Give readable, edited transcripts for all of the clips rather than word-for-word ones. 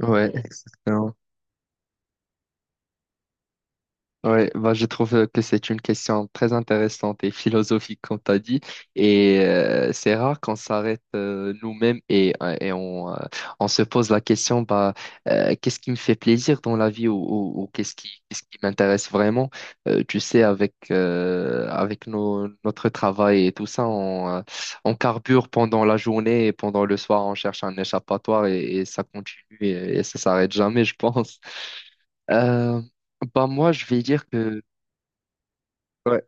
Ouais, exactement. Oui, bah, je trouve que c'est une question très intéressante et philosophique, comme tu as dit. C'est rare qu'on s'arrête nous-mêmes et on on se pose la question, qu'est-ce qui me fait plaisir dans la vie ou qu'est-ce qu'est-ce qui m'intéresse vraiment? Tu sais, avec notre travail et tout ça, on carbure pendant la journée et pendant le soir, on cherche un échappatoire et ça continue et ça s'arrête jamais, je pense. Euh, Bah moi, je vais dire que ouais.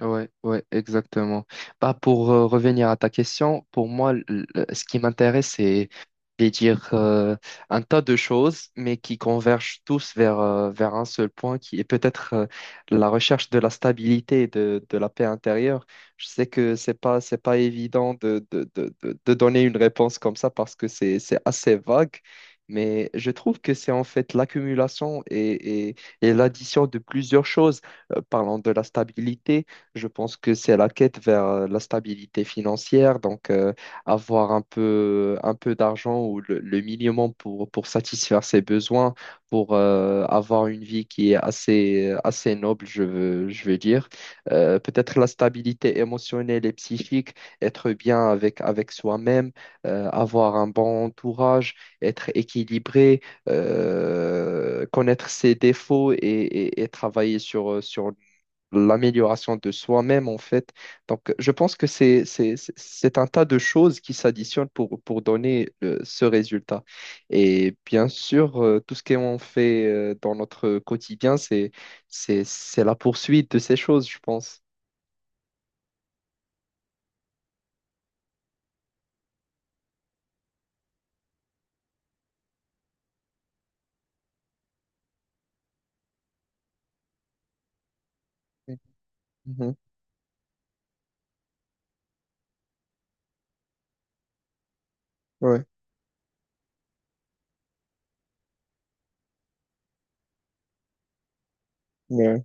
Ouais, ouais, exactement. Bah, pour revenir à ta question, pour moi, ce qui m'intéresse, c'est de dire un tas de choses, mais qui convergent tous vers, vers un seul point, qui est peut-être la recherche de la stabilité de la paix intérieure. Je sais que c'est pas évident de donner une réponse comme ça parce que c'est assez vague, mais je trouve que c'est en fait l'accumulation et l'addition de plusieurs choses. Parlant de la stabilité. Je pense que c'est la quête vers la stabilité financière, donc avoir un peu d'argent ou le minimum pour satisfaire ses besoins, pour avoir une vie qui est assez noble, je veux dire. Peut-être la stabilité émotionnelle et psychique, être bien avec soi-même, avoir un bon entourage, être équilibré, connaître ses défauts et travailler sur l'amélioration de soi-même, en fait. Donc, je pense que c'est un tas de choses qui s'additionnent pour donner ce résultat. Et bien sûr, tout ce qu'on fait dans notre quotidien, c'est la poursuite de ces choses, je pense. Mhm. Ouais, ouais,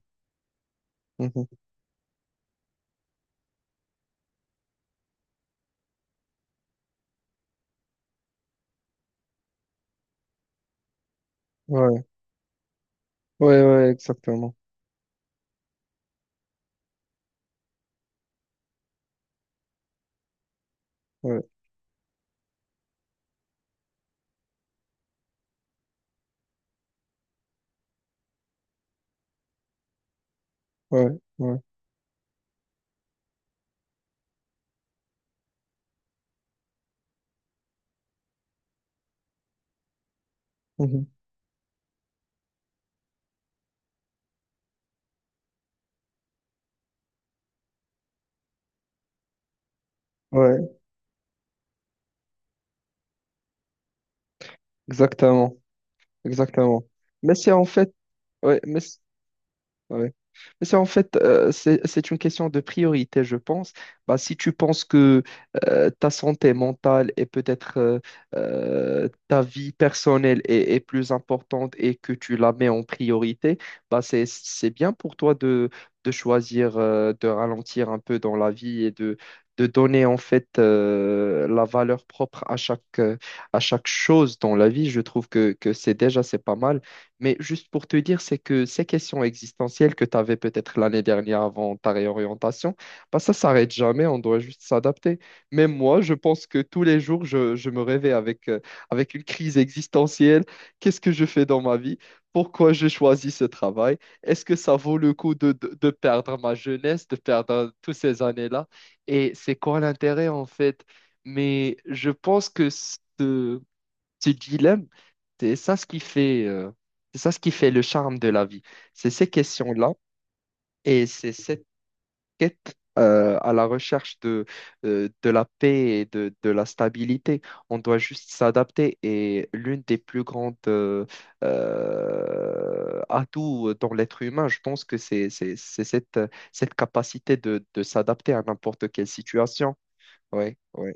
mhm. Ouais, ouais, ouais, exactement. Ouais, ouais, ouais, mhm. Ouais, exactement, exactement. Mais c'est en fait, ouais, ouais. Mais c'est en fait, c'est une question de priorité, je pense. Bah, si tu penses que ta santé mentale et peut-être ta vie personnelle est plus importante et que tu la mets en priorité, bah, c'est bien pour toi de choisir de ralentir un peu dans la vie de donner en fait la valeur propre à à chaque chose dans la vie. Je trouve que c'est déjà, c'est pas mal. Mais juste pour te dire, c'est que ces questions existentielles que tu avais peut-être l'année dernière avant ta réorientation, bah ça s'arrête jamais, on doit juste s'adapter. Même moi, je pense que tous les jours, je me réveille avec une crise existentielle. Qu'est-ce que je fais dans ma vie? Pourquoi j'ai choisi ce travail? Est-ce que ça vaut le coup de perdre ma jeunesse, de perdre toutes ces années-là? Et c'est quoi l'intérêt en fait? Mais je pense que ce dilemme, c'est ça ce qui fait, c'est ça ce qui fait le charme de la vie. C'est ces questions-là et c'est cette quête à la recherche de la paix de la stabilité. On doit juste s'adapter et l'une des plus grandes atouts dans l'être humain, je pense que c'est cette, cette capacité de s'adapter à n'importe quelle situation. Ouais, ouais,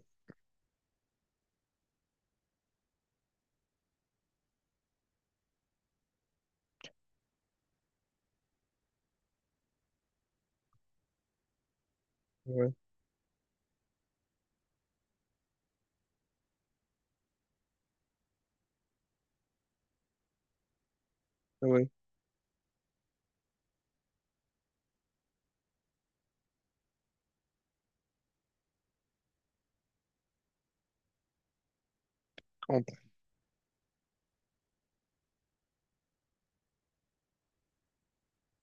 ouais, ouais, on-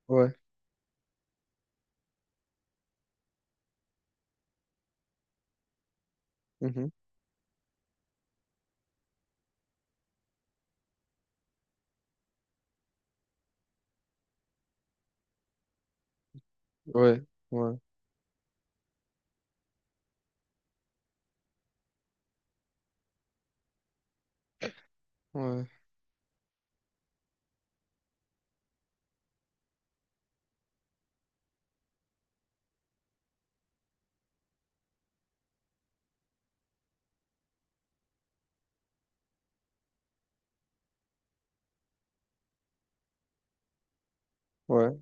ouais, mhm, ouais, ouais, ouais, ouais.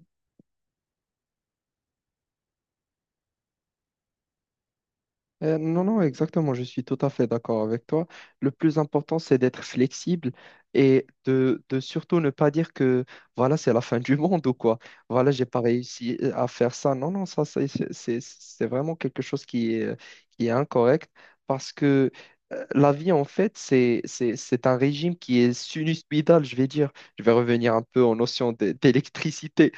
Non, non, exactement, je suis tout à fait d'accord avec toi. Le plus important, c'est d'être flexible de surtout ne pas dire que voilà, c'est la fin du monde ou quoi. Voilà, j'ai pas réussi à faire ça. Non, non, ça, c'est vraiment quelque chose qui est incorrect parce que la vie, en fait, c'est un régime qui est sinusoïdal, je vais dire. Je vais revenir un peu en notion d'électricité.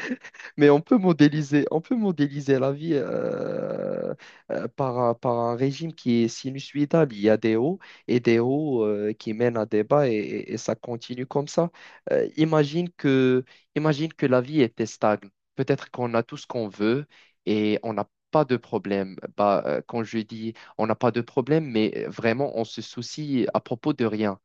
Mais on peut modéliser la vie par un régime qui est sinusoïdal. Il y a des hauts et des hauts qui mènent à des bas et ça continue comme ça. Euh, imagine que, imagine que la vie était stagne. Peut-être qu'on a tout ce qu'on veut et on n'a pas de problème. Bah, quand je dis on n'a pas de problème, mais vraiment on se soucie à propos de rien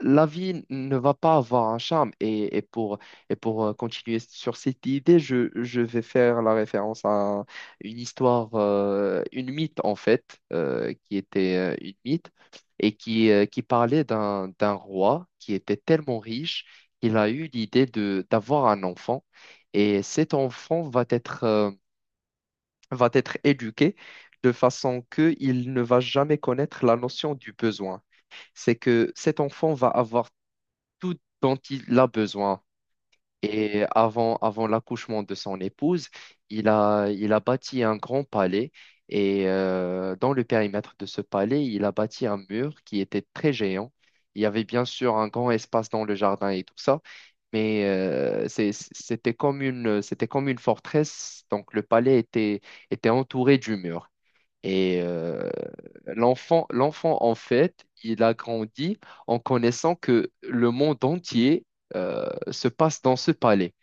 la vie ne va pas avoir un charme. Et pour continuer sur cette idée, je vais faire la référence à une histoire, une mythe en fait, qui était une mythe et qui parlait d'un roi qui était tellement riche qu'il a eu l'idée d'avoir un enfant. Et cet enfant va être éduqué de façon qu'il ne va jamais connaître la notion du besoin, c'est que cet enfant va avoir tout dont il a besoin. Et avant, avant l'accouchement de son épouse, il a bâti un grand palais. Et dans le périmètre de ce palais, il a bâti un mur qui était très géant. Il y avait bien sûr un grand espace dans le jardin et tout ça, mais c'était comme une forteresse. Donc le palais était entouré du mur. Et euh, L'enfant, en fait, il a grandi en connaissant que le monde entier se passe dans ce palais.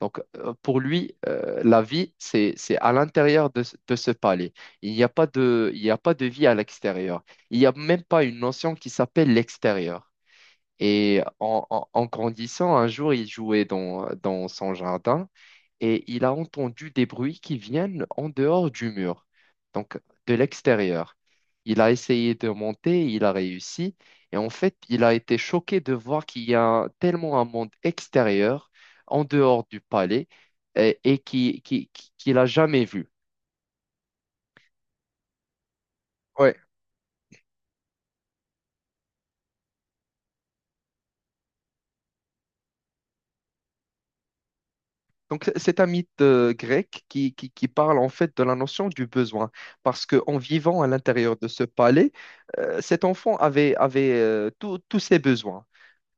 Donc, pour lui, la vie, c'est à l'intérieur de ce palais. Il n'y a pas de vie à l'extérieur. Il n'y a même pas une notion qui s'appelle l'extérieur. Et en grandissant, un jour, il jouait dans son jardin et il a entendu des bruits qui viennent en dehors du mur, donc de l'extérieur. Il a essayé de monter, il a réussi, et en fait, il a été choqué de voir qu'il y a tellement un monde extérieur, en dehors du palais, et, qu'il n'a jamais vu. Ouais. Donc, c'est un mythe grec qui parle en fait de la notion du besoin, parce qu'en vivant à l'intérieur de ce palais, cet enfant avait tous tous ses besoins.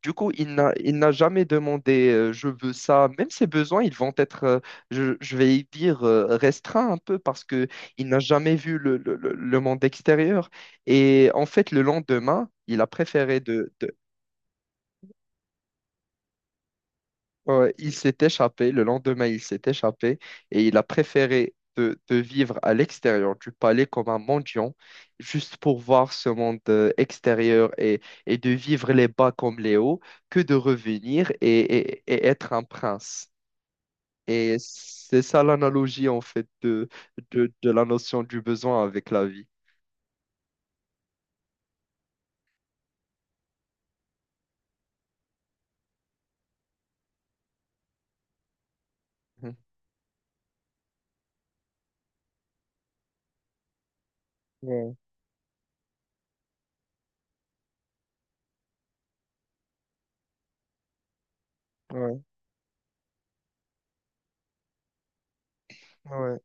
Du coup, il n'a jamais demandé je veux ça. Même ses besoins, ils vont être, je vais y dire, restreints un peu parce que il n'a jamais vu le monde extérieur. Et en fait, le lendemain, il a préféré de- ouais, ouais, il s'est échappé, le lendemain il s'est échappé et il a préféré de vivre à l'extérieur du palais comme un mendiant, juste pour voir ce monde extérieur et de vivre les bas comme les hauts, que de revenir et être un prince. Et c'est ça l'analogie en fait de la notion du besoin avec la vie. Mhm. Ouais, ouais, ouais,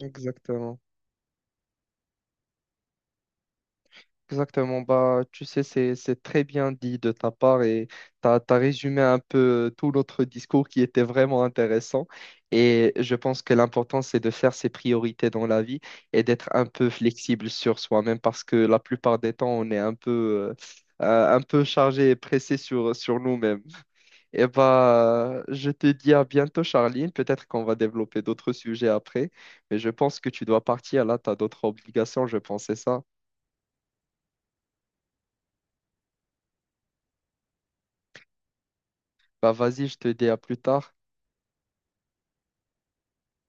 exactement. Exactement, bah, tu sais, c'est très bien dit de ta part et tu as, résumé un peu tout notre discours qui était vraiment intéressant. Et je pense que l'important, c'est de faire ses priorités dans la vie et d'être un peu flexible sur soi-même parce que la plupart des temps, on est un peu chargé et pressé sur nous-mêmes. Et bah, je te dis à bientôt, Charline. Peut-être qu'on va développer d'autres sujets après, mais je pense que tu dois partir. Là, tu as d'autres obligations, je pensais ça. Bah vas-y, je te dis à plus tard.